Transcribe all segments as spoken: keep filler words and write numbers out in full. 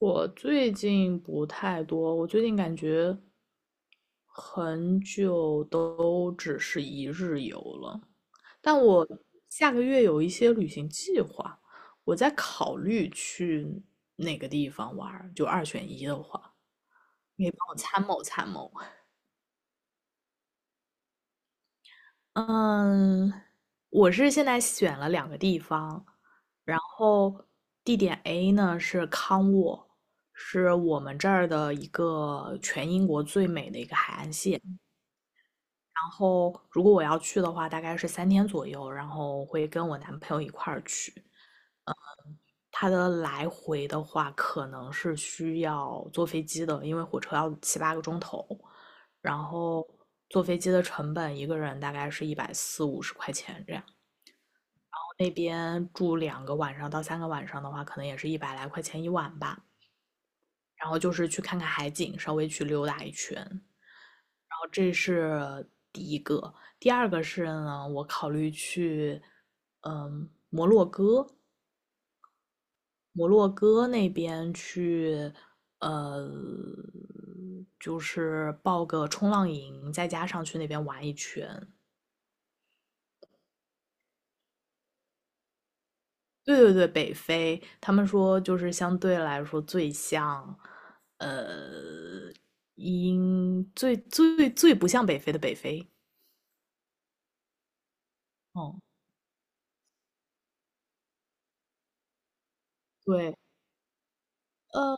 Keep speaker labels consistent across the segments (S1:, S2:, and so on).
S1: 我最近不太多，我最近感觉很久都只是一日游了。但我下个月有一些旅行计划，我在考虑去哪个地方玩儿就二选一的话，你可以帮我参谋参谋。嗯，我是现在选了两个地方，然后地点 A 呢是康沃，是我们这儿的一个全英国最美的一个海岸线。然后如果我要去的话，大概是三天左右，然后会跟我男朋友一块儿去。他的来回的话，可能是需要坐飞机的，因为火车要七八个钟头，然后坐飞机的成本一个人大概是一百四五十块钱这样。那边住两个晚上到三个晚上的话，可能也是一百来块钱一晚吧。然后就是去看看海景，稍微去溜达一圈。然后这是第一个，第二个是呢，我考虑去，嗯，摩洛哥，摩洛哥那边去，呃，就是报个冲浪营，再加上去那边玩一圈。对对对，北非，他们说就是相对来说最像，呃，英最最最不像北非的北非。哦，对，呃，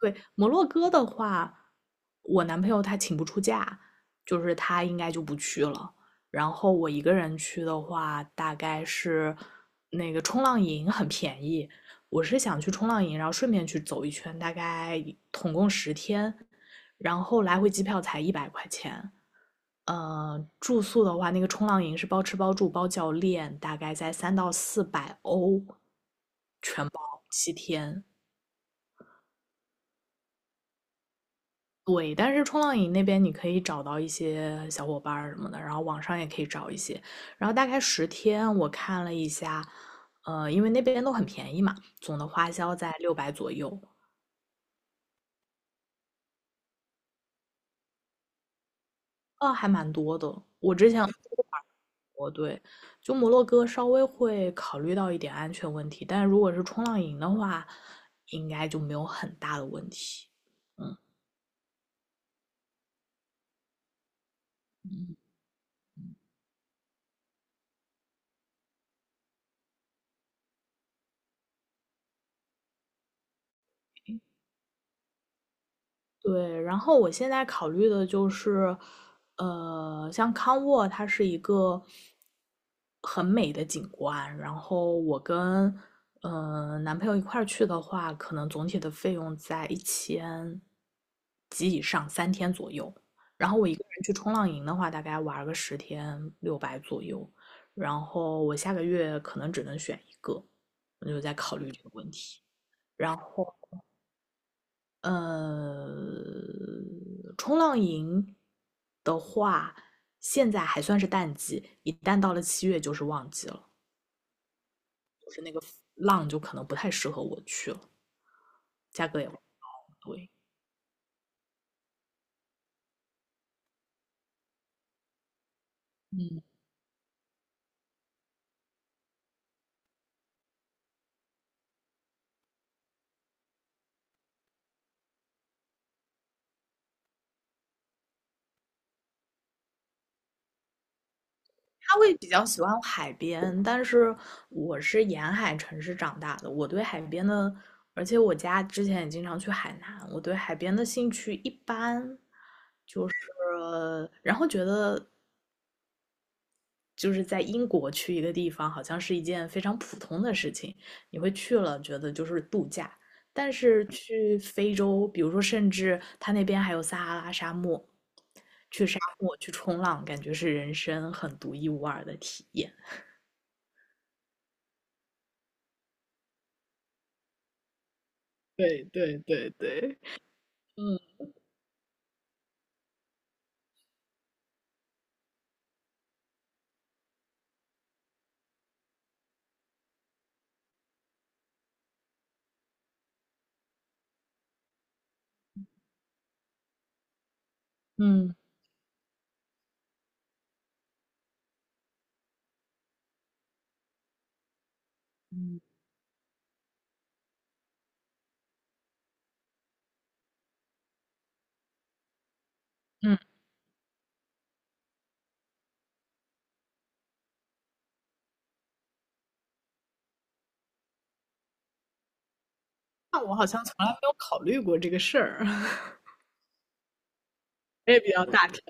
S1: 对，摩洛哥的话，我男朋友他请不出假，就是他应该就不去了。然后我一个人去的话，大概是那个冲浪营很便宜，我是想去冲浪营，然后顺便去走一圈，大概一统共十天，然后来回机票才一百块钱。呃，住宿的话，那个冲浪营是包吃包住包教练，大概在三到四百欧，全包七天。对，但是冲浪营那边你可以找到一些小伙伴什么的，然后网上也可以找一些。然后大概十天，我看了一下，呃，因为那边都很便宜嘛，总的花销在六百左右。啊，还蛮多的。我之前我对，就摩洛哥稍微会考虑到一点安全问题，但如果是冲浪营的话，应该就没有很大的问题。嗯，对，然后我现在考虑的就是，呃，像康沃，它是一个很美的景观，然后我跟嗯男朋友一块儿去的话，可能总体的费用在一千及以上，三天左右。然后我一个人去冲浪营的话，大概玩个十天，六百左右。然后我下个月可能只能选一个，我就在考虑这个问题。然后。呃，冲浪营的话，现在还算是淡季，一旦到了七月就是旺季了，浪就可能不太适合我去了，价格也不贵。嗯，他会比较喜欢海边，但是我是沿海城市长大的，我对海边的，而且我家之前也经常去海南，我对海边的兴趣一般，就是然后觉得就是在英国去一个地方，好像是一件非常普通的事情，你会去了觉得就是度假。但是去非洲，比如说，甚至它那边还有撒哈拉沙漠，去沙漠去冲浪，感觉是人生很独一无二的体验。对对对对，嗯嗯嗯嗯，那我好像从来没有考虑过这个事儿，我也比较大条。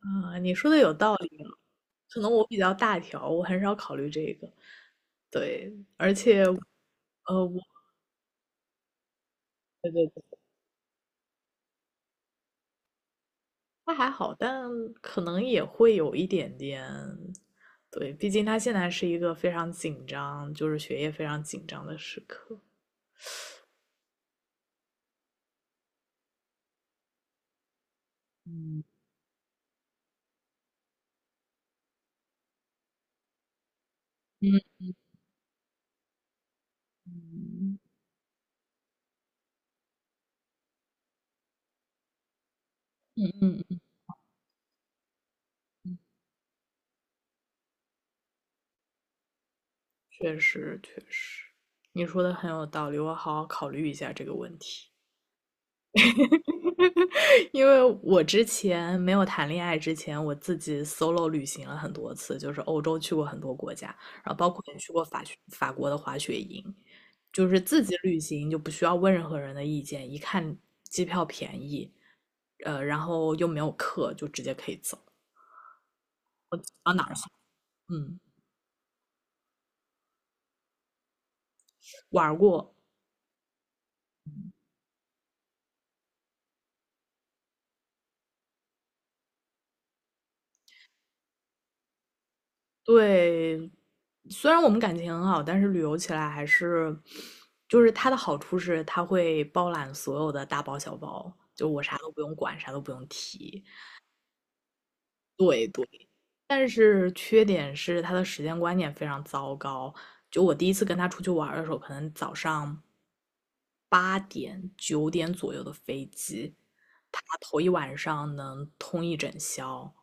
S1: 啊，你说的有道理啊，可能我比较大条，我很少考虑这个。对，而且呃，我对对对，他还好，但可能也会有一点点，对，毕竟他现在是一个非常紧张，就是学业非常紧张的时刻。嗯嗯嗯嗯，确实，确实，你说的很有道理，我好好考虑一下这个问题。因为我之前没有谈恋爱之前，我自己 solo 旅行了很多次，就是欧洲去过很多国家，然后包括也去过法学法国的滑雪营，就是自己旅行就不需要问任何人的意见，一看机票便宜，呃，然后又没有课，就直接可以走，啊哪儿去嗯，玩过。对，虽然我们感情很好，但是旅游起来还是，就是它的好处是它会包揽所有的大包小包，就我啥都不用管，啥都不用提。对对。但是缺点是他的时间观念非常糟糕。就我第一次跟他出去玩的时候，可能早上八点、九点左右的飞机，他头一晚上能通一整宵。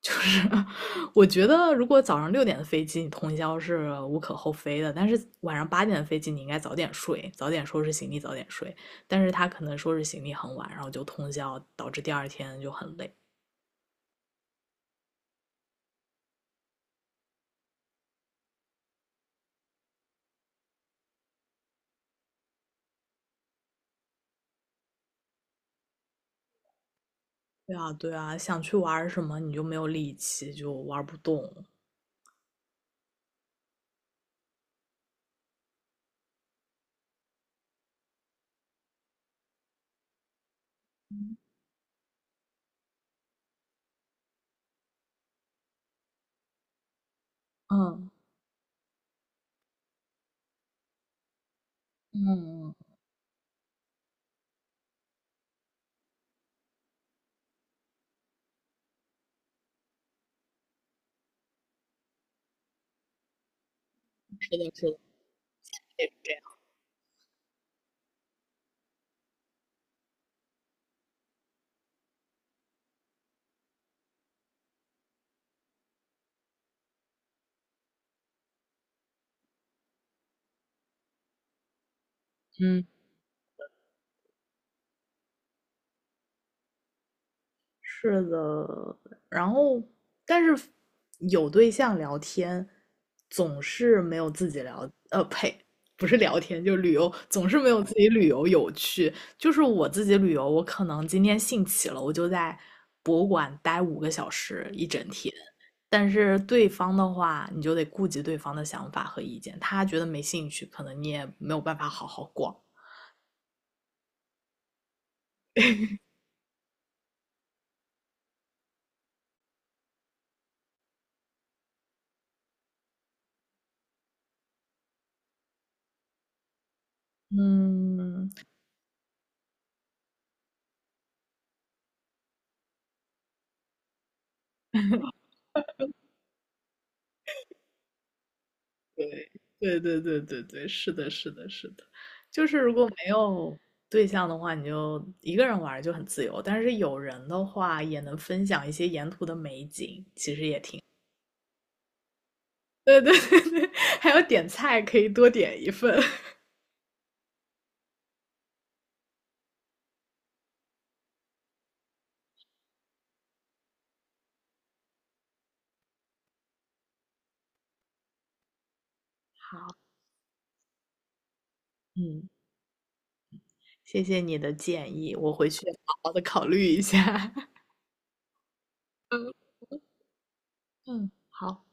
S1: 就是 我觉得，如果早上六点的飞机你通宵是无可厚非的，但是晚上八点的飞机你应该早点睡，早点收拾行李，早点睡。但是他可能收拾行李很晚，然后就通宵，导致第二天就很累。对啊，对啊，想去玩儿什么你就没有力气，就玩儿不动。嗯嗯嗯，是的，是的，嗯，是的。然后，但是有对象聊天，总是没有自己聊，呃，呸，不是聊天，就旅游，总是没有自己旅游有趣。就是我自己旅游，我可能今天兴起了，我就在博物馆待五个小时一整天，但是对方的话，你就得顾及对方的想法和意见，他觉得没兴趣，可能你也没有办法好好逛。嗯，对对对对对，是的，是的，是的，就是如果没有对象的话，你就一个人玩儿就很自由，但是有人的话，也能分享一些沿途的美景，其实也对对对对，还有点菜可以多点一份。好，嗯，谢谢你的建议，我回去好好的考虑一下。嗯嗯，好。